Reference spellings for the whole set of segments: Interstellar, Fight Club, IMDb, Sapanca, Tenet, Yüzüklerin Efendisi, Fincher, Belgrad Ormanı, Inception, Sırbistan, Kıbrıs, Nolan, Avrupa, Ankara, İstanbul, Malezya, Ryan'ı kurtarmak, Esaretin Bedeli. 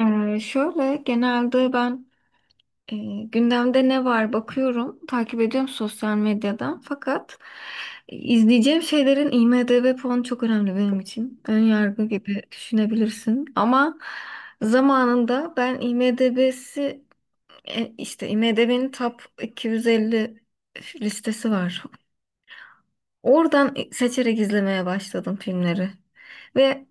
Şöyle genelde ben e, gündemde ne var bakıyorum, takip ediyorum sosyal medyadan. Fakat izleyeceğim şeylerin IMDb puanı çok önemli benim için. Ön yargı gibi düşünebilirsin. Ama zamanında ben IMDb'si işte IMDb'nin Top 250 listesi var. Oradan seçerek izlemeye başladım filmleri. Ve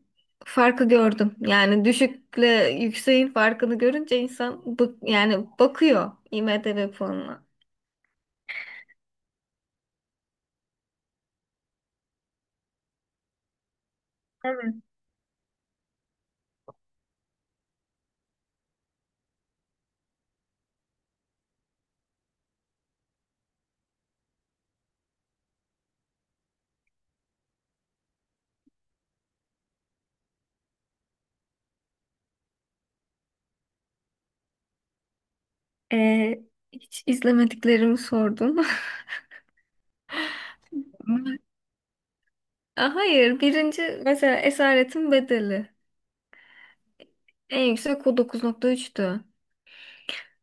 farkı gördüm. Yani düşükle yükseğin farkını görünce insan yani bakıyor IMDb puanına. Evet. Ee, Hiç izlemediklerimi sordum. Hayır, birinci mesela Esaretin Bedeli. En yüksek o 9.3'tü.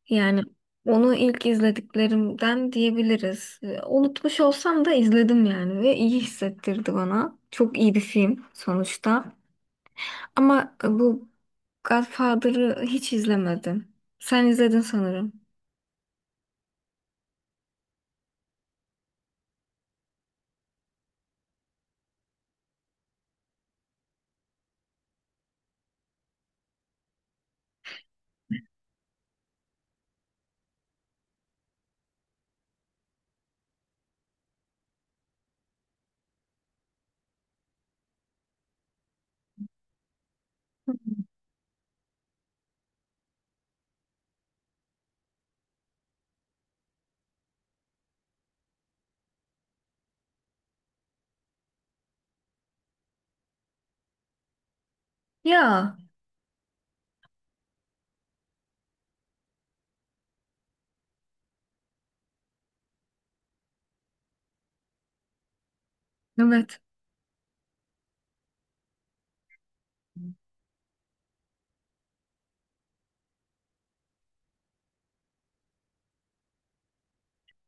Yani onu ilk izlediklerimden diyebiliriz. Unutmuş olsam da izledim yani ve iyi hissettirdi bana. Çok iyi bir film sonuçta. Ama bu Godfather'ı hiç izlemedim. Sen izledin sanırım. Ya, evet.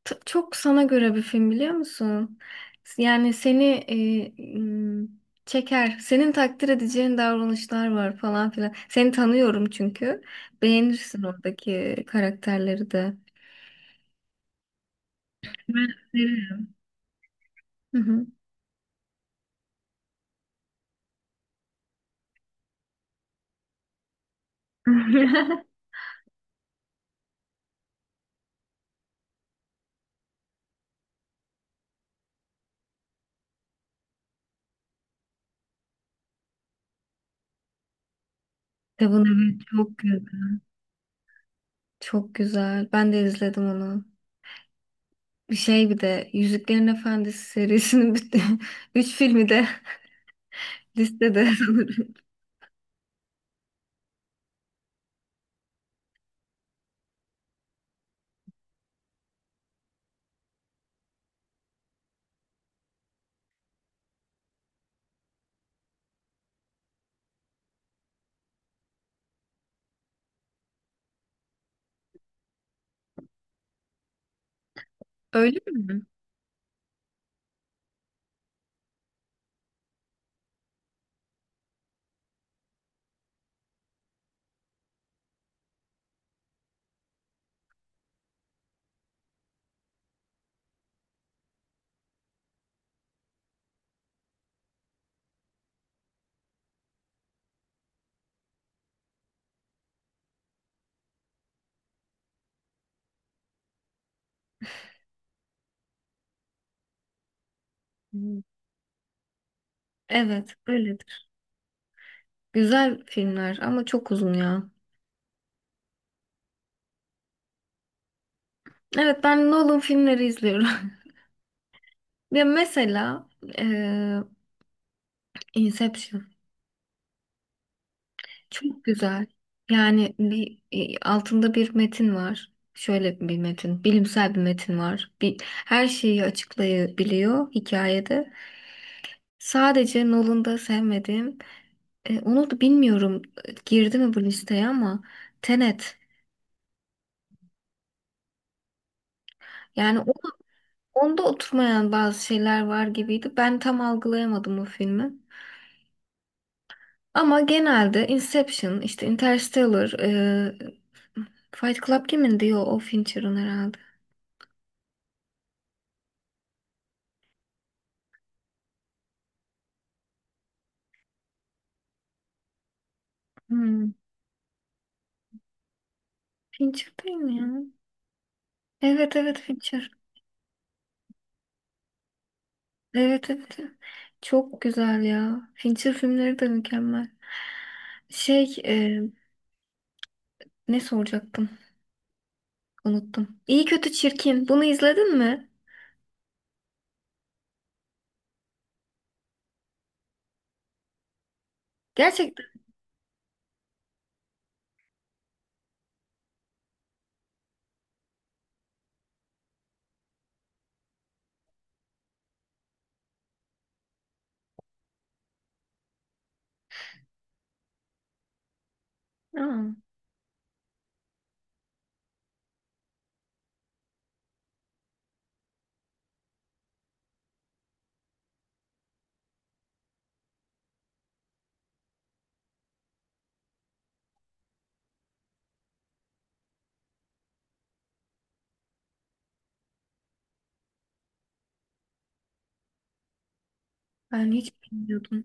Çok sana göre bir film biliyor musun? Yani seni e, m, çeker. Senin takdir edeceğin davranışlar var falan filan. Seni tanıyorum çünkü. Beğenirsin oradaki karakterleri de. Ben öneririm. Hı hı. Kitabın evet çok güzel. Çok güzel. Ben de izledim onu. Bir şey bir de Yüzüklerin Efendisi serisinin bütün üç filmi de listede sanırım. Öyle mi? Hı. Evet, öyledir. Güzel filmler ama çok uzun ya. Evet ben Nolan filmleri izliyorum. Ya mesela eee, Inception. Çok güzel. Yani bir altında bir metin var. Şöyle bir metin, bilimsel bir metin var. Bir, her şeyi açıklayabiliyor hikayede. Sadece Nolan'da sevmediğim, onu da bilmiyorum girdi mi bu listeye ama Tenet. Yani onda oturmayan bazı şeyler var gibiydi. Ben tam algılayamadım o filmi. Ama genelde Inception, işte Interstellar, Fight Club kimin diyor o Fincher'ın herhalde. Hmm. Fincher değil mi ya? Evet evet Fincher. Evet evet, evet. Çok güzel ya. Fincher filmleri de mükemmel. Şey ne soracaktım? Unuttum. İyi kötü çirkin. Bunu izledin mi? Gerçekten. Aa, ben hiç bilmiyordum.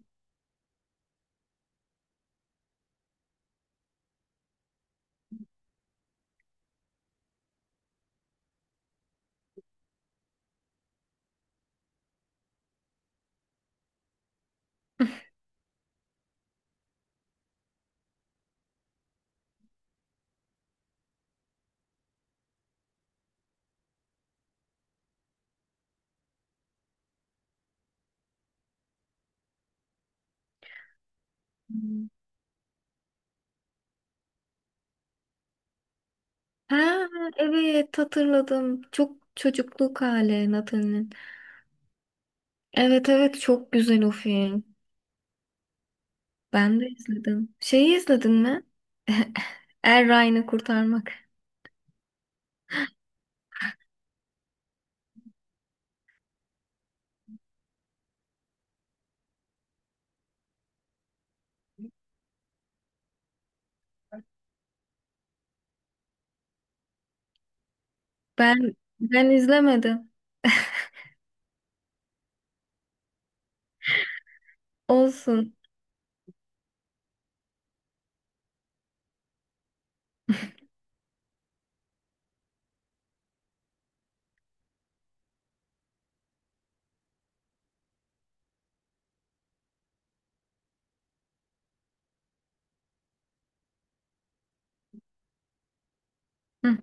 Hmm. Ha evet hatırladım. Çok çocukluk hali Nathan'ın. Evet evet çok güzel o film. Ben de izledim. Şeyi izledin mi? Er Ryan'ı kurtarmak. Ben ben izlemedim. Olsun. Hı.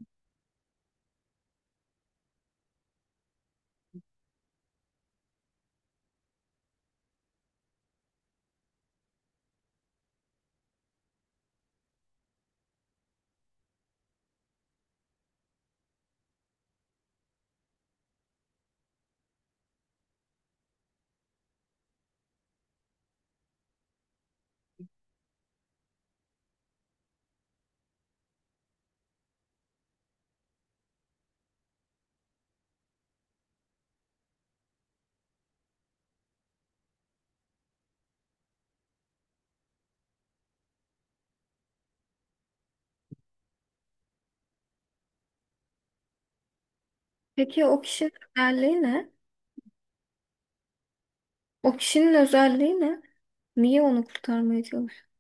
Peki o kişinin özelliği ne? O kişinin özelliği ne? Niye onu kurtarmaya çalışıyor?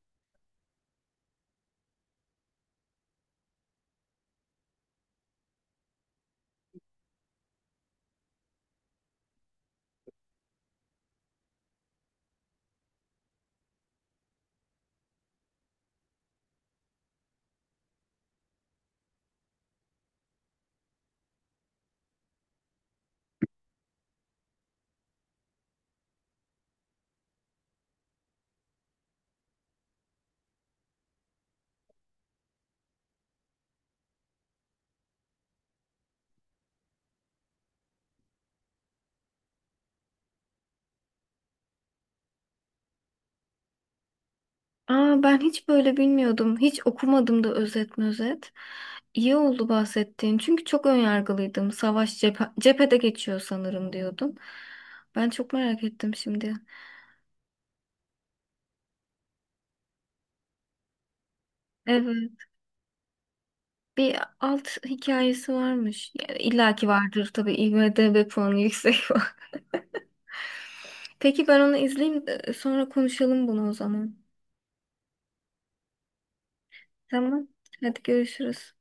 Aa, ben hiç böyle bilmiyordum. Hiç okumadım da özet özet. İyi oldu bahsettiğin. Çünkü çok önyargılıydım. Savaş cephe, cephede geçiyor sanırım diyordum. Ben çok merak ettim şimdi. Evet. Bir alt hikayesi varmış. Yani illaki vardır tabii. IMDb puanı yüksek. Peki ben onu izleyeyim de sonra konuşalım bunu o zaman. Tamam. Hadi görüşürüz.